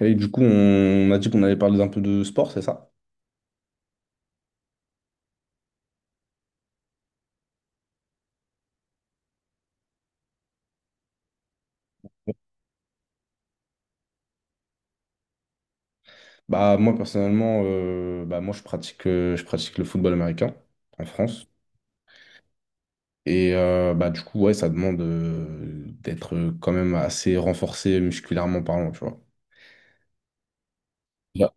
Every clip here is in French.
Et du coup, on a dit qu'on allait parler un peu de sport, c'est ça? Bah moi personnellement, bah moi je pratique le football américain en France. Bah du coup, ouais, ça demande d'être quand même assez renforcé musculairement parlant, tu vois. Bah,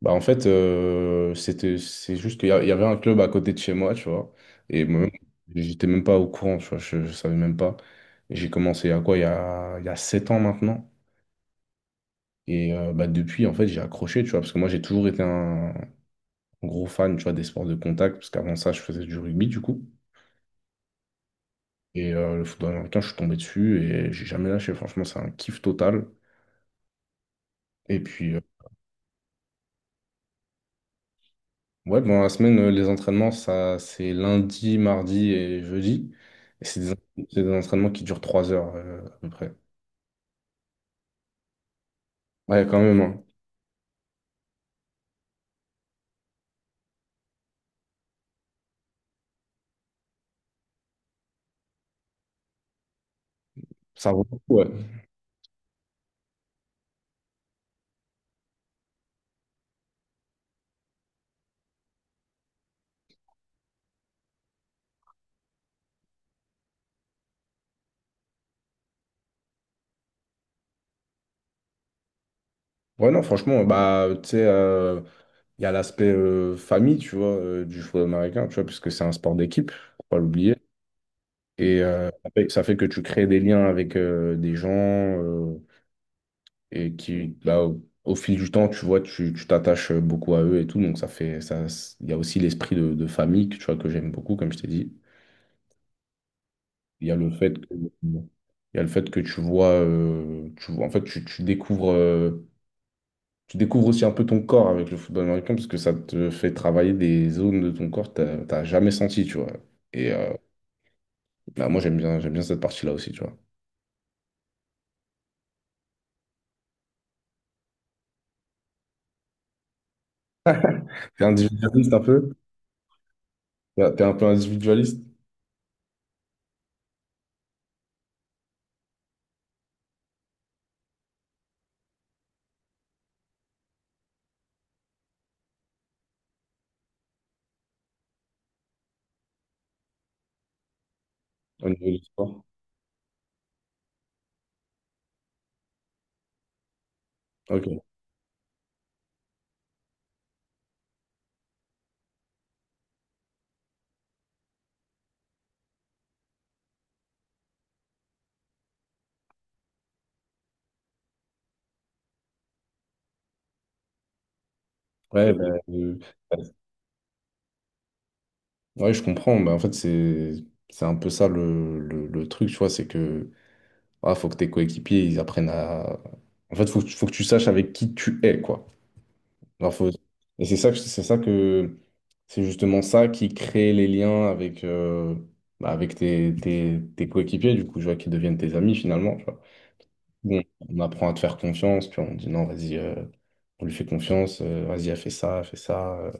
en fait, c'est juste il y avait un club à côté de chez moi, tu vois. Et moi, j'étais même pas au courant, tu vois, je savais même pas. Et j'ai commencé à quoi, il y a 7 ans maintenant. Bah, depuis, en fait, j'ai accroché, tu vois, parce que moi, j'ai toujours été un gros fan, tu vois, des sports de contact, parce qu'avant ça, je faisais du rugby, du coup. Le football américain, je suis tombé dessus et j'ai jamais lâché. Franchement, c'est un kiff total. Et puis, euh, ouais, bon, la semaine, les entraînements, ça, c'est lundi, mardi et jeudi. Et c'est des entraînements qui durent 3 heures, à peu près. Ouais, quand même, hein. Ça vaut le coup, ouais. Ouais, non, franchement, bah, tu sais, il y a l'aspect famille, tu vois, du football américain, tu vois, puisque c'est un sport d'équipe, faut pas l'oublier. Ça fait que tu crées des liens avec des gens et qui, bah, au fil du temps, tu vois, tu t'attaches beaucoup à eux et tout. Donc, ça fait ça, il y a aussi l'esprit de famille que, tu vois, que j'aime beaucoup, comme je t'ai dit. Il y a le fait que, il y a le fait que tu vois, en fait, tu découvres aussi un peu ton corps avec le football américain parce que ça te fait travailler des zones de ton corps que t'as jamais senti, tu vois. Et euh, bah, moi, j'aime bien cette partie-là aussi, tu vois. T'es individualiste un peu? T'es un peu individualiste au niveau du sport? Ok. Ouais, euh, ouais, ouais, je comprends. Bah, en fait, c'est un peu ça le, le truc, tu vois, c'est que ah, faut que tes coéquipiers ils apprennent à. En fait, faut que tu saches avec qui tu es, quoi. Alors, faut- Et c'est justement ça qui crée les liens avec bah, avec tes, tes coéquipiers, du coup, tu vois, qui deviennent tes amis finalement. Bon, on apprend à te faire confiance, puis on dit non, vas-y, on lui fait confiance, vas-y, elle fait ça, elle fait ça.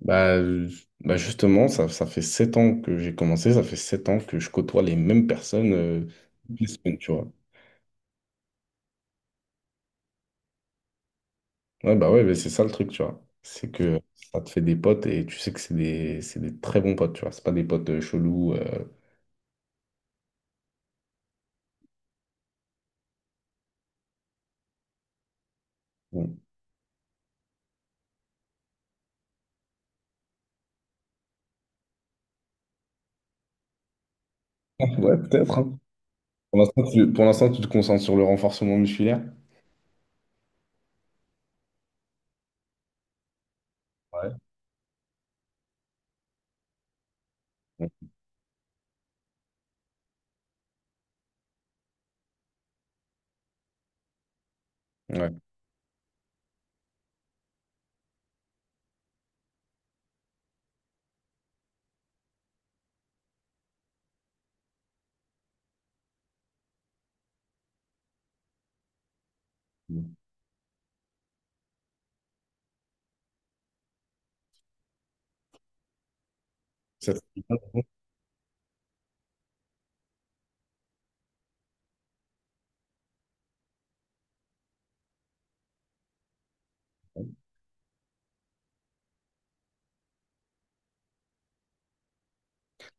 Bah, euh, bah justement, ça fait 7 ans que j'ai commencé, ça fait sept ans que je côtoie les mêmes personnes toutes les semaines, tu vois. Ouais, bah ouais, mais c'est ça le truc, tu vois. C'est que ça te fait des potes et tu sais que c'est des très bons potes, tu vois. C'est pas des potes chelous. Bon. Ouais, peut-être. Hein. Pour l'instant, pour l'instant, tu te concentres sur le renforcement musculaire. Ouais. Ouais. Ouais. Ça,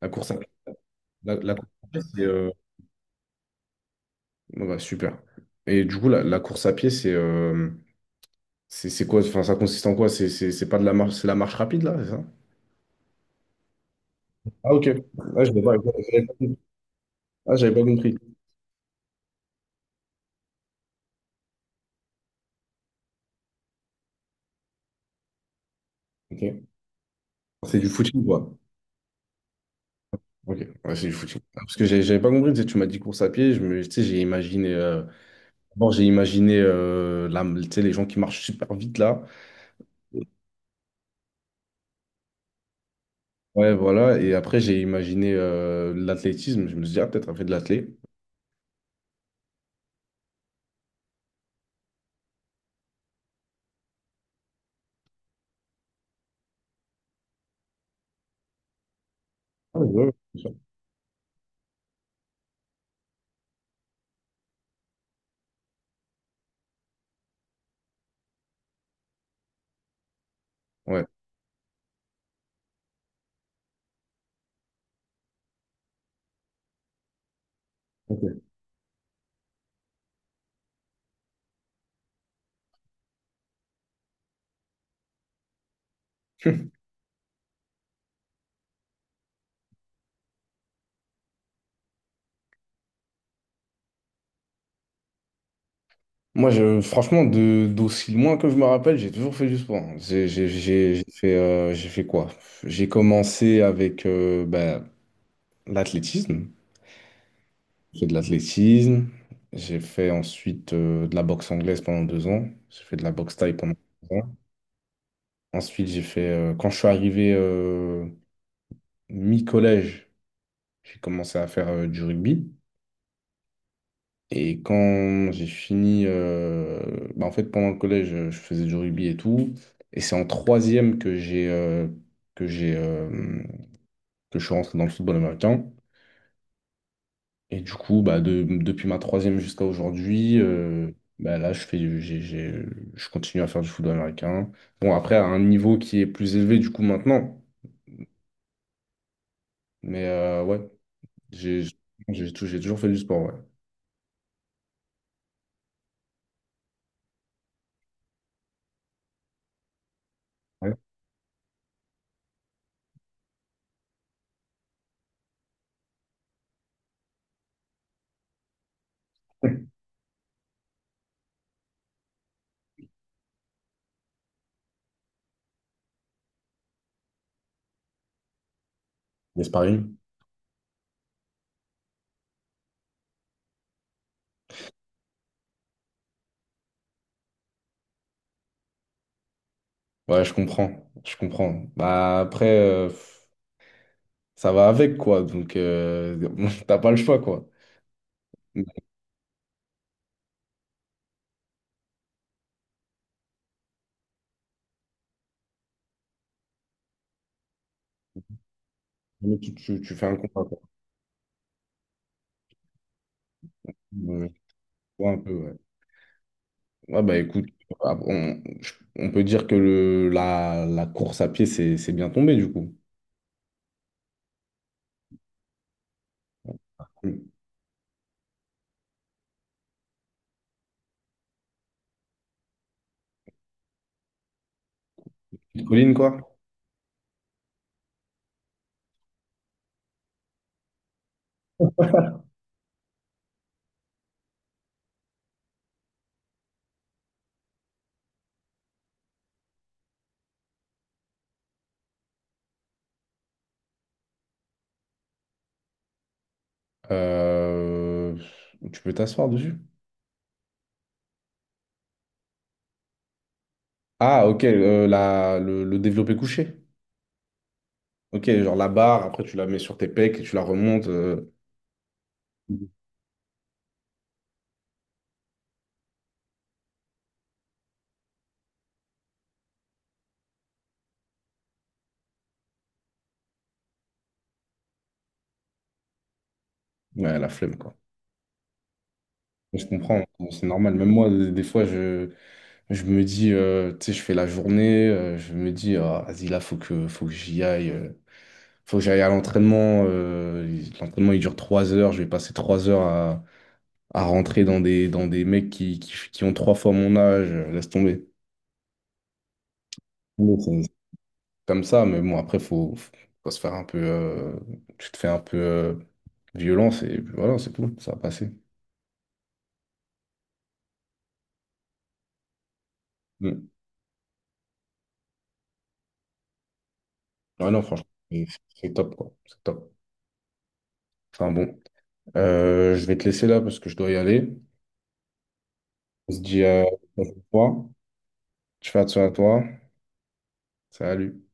La course à la, la course à pied, c'est bon, bah, super. Et du coup, la course à pied, c'est quoi? Enfin, ça consiste en quoi? C'est pas de la marche, c'est la marche rapide, là, c'est ça? Ah, ok. Ah, j'avais pas compris. Ah, j'avais pas compris. Ok. C'est du footing, quoi. Ok, ouais, c'est du footing. Ah, parce que j'avais pas compris, tu sais, tu m'as dit course à pied, tu sais, j'ai imaginé, d'abord j'ai imaginé tu sais, les gens qui marchent super vite là, ouais voilà, et après j'ai imaginé l'athlétisme, je me suis dit, ah peut-être elle fait de l'athlé. Ah, ouais, ouais, c'est ça. Ouais, ok. Moi, franchement, d'aussi loin que je me rappelle, j'ai toujours fait du sport. Hein. J'ai fait quoi? J'ai commencé avec ben, l'athlétisme. J'ai fait de l'athlétisme. J'ai fait ensuite de la boxe anglaise pendant 2 ans. J'ai fait de la boxe thaï pendant 2 ans. Ensuite, j'ai fait, quand je suis arrivé mi-collège, j'ai commencé à faire du rugby. Et quand j'ai fini, bah, en fait, pendant le collège, je faisais du rugby et tout. Et c'est en troisième que j'ai que je suis rentré dans le football américain. Et du coup, bah, depuis ma troisième jusqu'à aujourd'hui, bah, là, je fais, du- j'ai- je continue à faire du football américain. Bon, après, à un niveau qui est plus élevé du coup maintenant. Mais ouais, j'ai j'ai toujours fait du sport, ouais. Ouais. Les sparring? Ouais, je comprends. Je comprends. Bah après. Ça va avec, quoi. Donc, t'as pas le choix, quoi. Mais tu fais un combat, quoi. Euh, je vois un peu, ouais. Ouais, bah écoute, ah, on peut dire que la course à pied, c'est bien tombé, du coup. Une petite colline, quoi. Euh, tu peux t'asseoir dessus. Ah, ok, le développé couché. Ok, genre la barre, après tu la mets sur tes pecs et tu la remontes. Ouais, la flemme, quoi. Je comprends, c'est normal. Même moi, des fois, je me dis, tu sais, je fais la journée, je me dis, ah, vas-y, là, faut que j'y aille, faut que j'aille à l'entraînement. L'entraînement, il dure 3 heures, je vais passer 3 heures à rentrer dans dans des mecs qui, qui ont trois fois mon âge, laisse tomber. Bon, c'est comme ça, mais bon, après, faut se faire un peu, tu te fais un peu violence et puis voilà, c'est tout, ça va passer. Mm. Ouais, non, franchement, c'est c'est top, quoi, c'est top. Enfin bon, euh, je vais te laisser là parce que je dois y aller. On se dit à la prochaine fois. Je fais attention à toi. Salut.